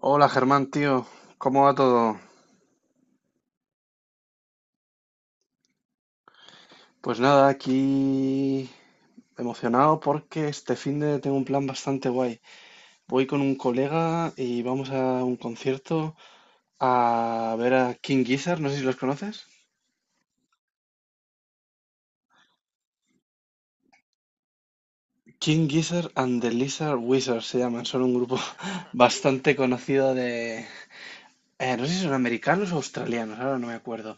Hola Germán, tío, ¿cómo va todo? Pues nada, aquí emocionado porque este fin de tengo un plan bastante guay. Voy con un colega y vamos a un concierto a ver a King Gizzard, no sé si los conoces. King Gizzard and the Lizard Wizard se llaman, son un grupo bastante conocido de... no sé si son americanos o australianos, ahora no me acuerdo.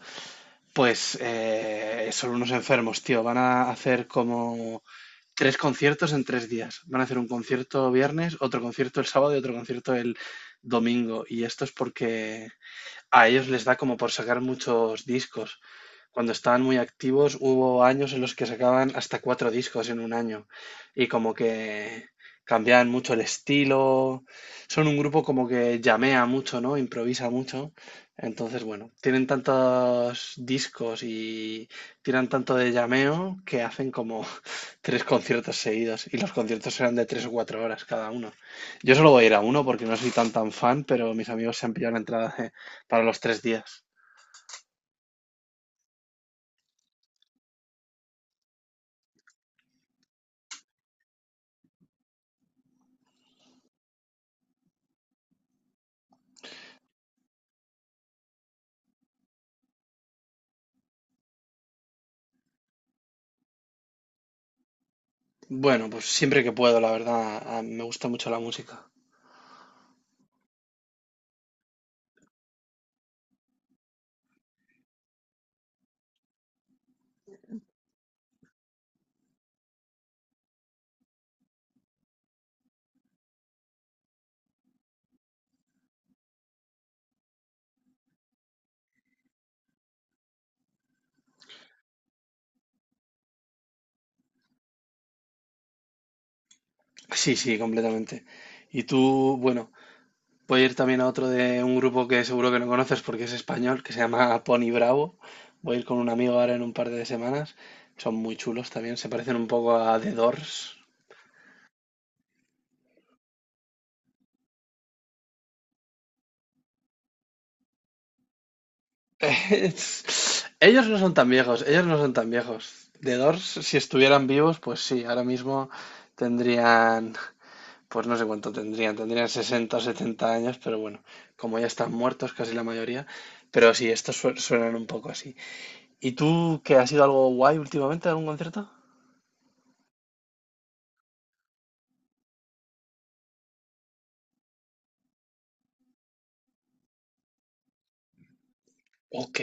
Pues son unos enfermos, tío, van a hacer como tres conciertos en tres días. Van a hacer un concierto viernes, otro concierto el sábado y otro concierto el domingo. Y esto es porque a ellos les da como por sacar muchos discos. Cuando estaban muy activos, hubo años en los que sacaban hasta cuatro discos en un año y como que cambiaban mucho el estilo. Son un grupo como que llamea mucho, ¿no? Improvisa mucho. Entonces, bueno, tienen tantos discos y tiran tanto de llameo que hacen como tres conciertos seguidos y los conciertos eran de tres o cuatro horas cada uno. Yo solo voy a ir a uno porque no soy tan fan, pero mis amigos se han pillado la entrada para los tres días. Bueno, pues siempre que puedo, la verdad, a- me gusta mucho la música. Sí, sí, completamente. Y tú, bueno, voy a ir también a otro de un grupo que seguro que no conoces porque es español, que se llama Pony Bravo. Voy a ir con un amigo ahora en un par de semanas. Son muy chulos también, se parecen un poco a The Doors. Es- ellos no son tan viejos, ellos no son tan viejos. The Doors, si estuvieran vivos, pues sí, ahora mismo tendrían. Pues no sé cuánto tendrían, tendrían 60 o 70 años, pero bueno, como ya están muertos casi la mayoría, pero sí, estos sue- suenan un poco así. ¿Y tú qué ha sido algo guay últimamente, algún concierto? Ok.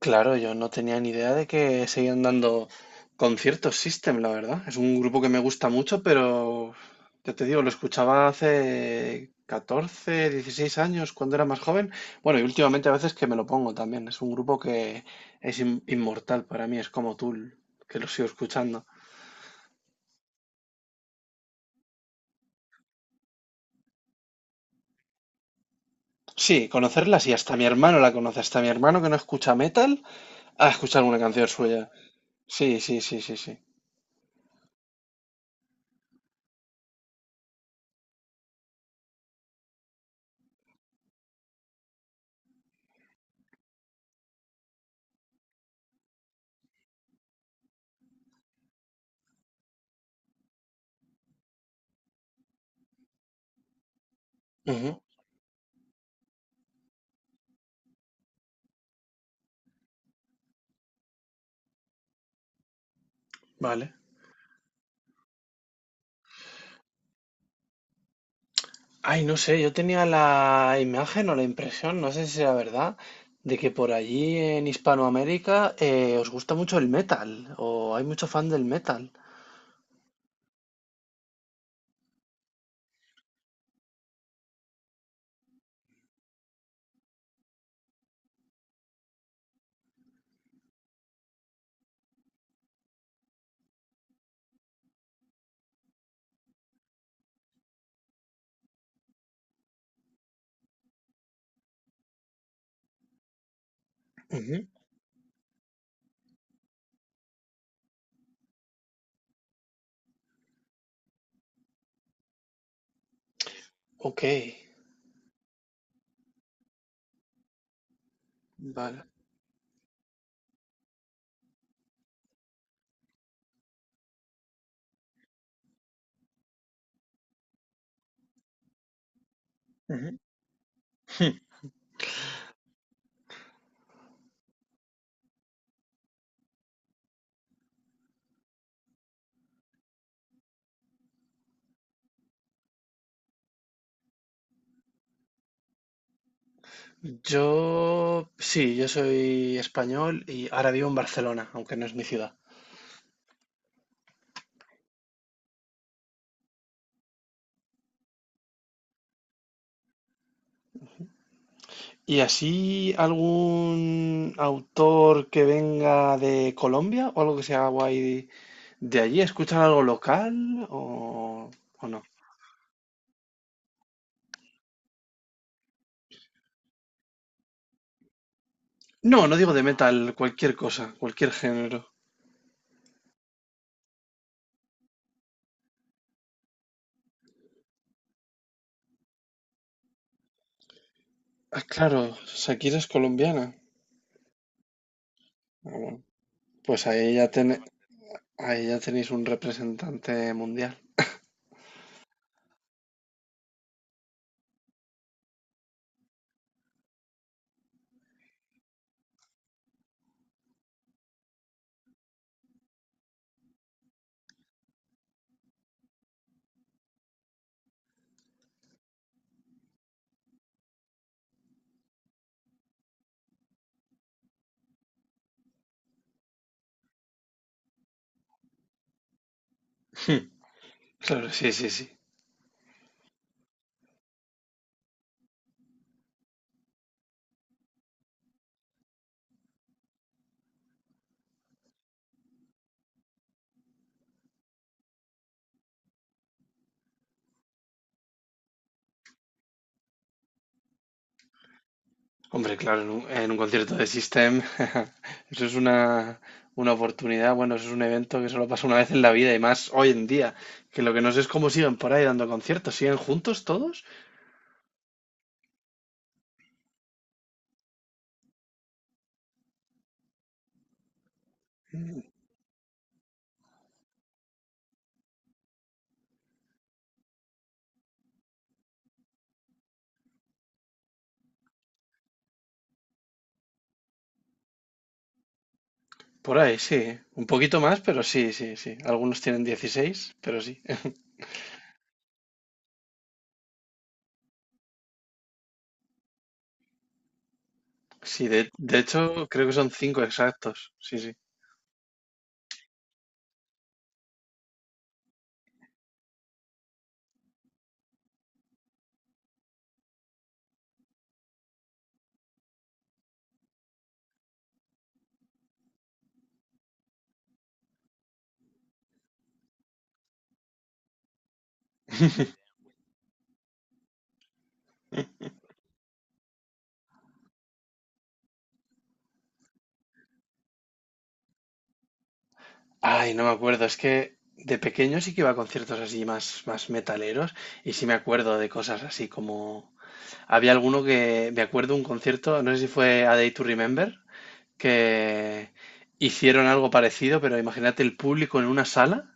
Claro, yo no tenía ni idea de que seguían dando conciertos System, la verdad. Es un grupo que me gusta mucho, pero ya te digo, lo escuchaba hace 14, 16 años, cuando era más joven. Bueno, y últimamente a veces que me lo pongo también. Es un grupo que es in- inmortal para mí, es como Tool, que lo sigo escuchando. Sí, conocerlas y hasta mi hermano la conoce, hasta mi hermano que no escucha metal, ha escuchado alguna canción suya. Sí, sí, sí, sí, sí. Ujú. Vale. Ay, no sé, yo tenía la imagen o la impresión, no sé si será verdad, de que por allí en Hispanoamérica os gusta mucho el metal, o hay mucho fan del metal. Ujú. Ok, vale. Ujú. Yo, sí, yo soy español y ahora vivo en Barcelona, aunque no es mi ciudad. ¿Y así algún autor que venga de Colombia o algo que sea guay de allí? ¿Escuchan algo local o no? No, no digo de metal, cualquier cosa, cualquier género. Ah, claro, Shakira es colombiana. Ah, bueno, pues ahí ya, ten- ahí ya tenéis un representante mundial. Hmm. Claro, sí, sí, sí. Hombre, claro, en un concierto de System, eso es una oportunidad, bueno, eso es un evento que solo pasa una vez en la vida y más hoy en día, que lo que no sé es cómo siguen por ahí dando conciertos, ¿siguen juntos todos? Mm. Por ahí, sí, un poquito más, pero sí, sí, sí. Algunos tienen 16, pero sí. Sí, de hecho creo que son cinco exactos. Sí, sí. Ay, no me acuerdo. Es que de pequeño sí que iba a conciertos así más, más metaleros y sí me acuerdo de cosas así como... Había alguno que... Me acuerdo un concierto, no sé si fue A Day to Remember, que hicieron algo parecido, pero imagínate el público en una sala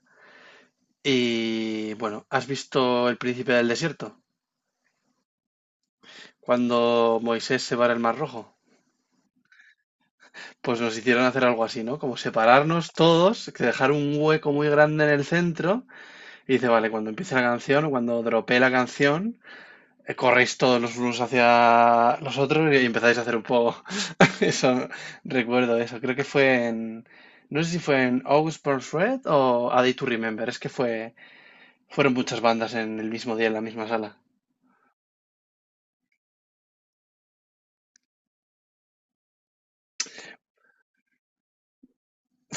y... Bueno, ¿has visto El Príncipe del Desierto? Cuando Moisés se va al Mar Rojo. Pues nos hicieron hacer algo así, ¿no? Como separarnos todos, que dejar un hueco muy grande en el centro y dice, vale, cuando empiece la canción o cuando dropee la canción, corréis todos los unos hacia los otros y empezáis a hacer un poco. Eso, recuerdo eso. Creo que fue en, no sé si fue en August Burns Red o A Day to Remember. Es que fue, fueron muchas bandas en el mismo día, en la misma sala.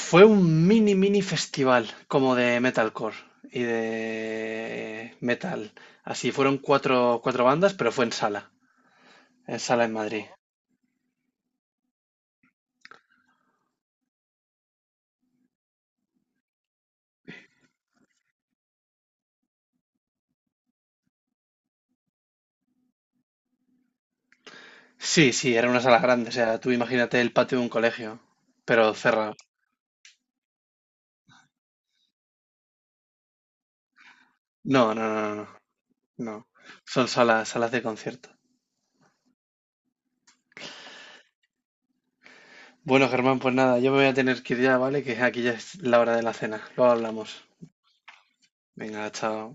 Fue un mini mini festival como de metalcore y de metal. Así fueron cuatro, cuatro bandas, pero fue en sala, en sala en Madrid. Sí, sí, era una sala grande, o sea, tú imagínate el patio de un colegio, pero cerrado. No, no, no, no, no, no. Son salas, salas de concierto. Bueno, Germán, pues nada, yo me voy a tener que ir ya, ¿vale? Que aquí ya es la hora de la cena. Luego hablamos. Venga, chao.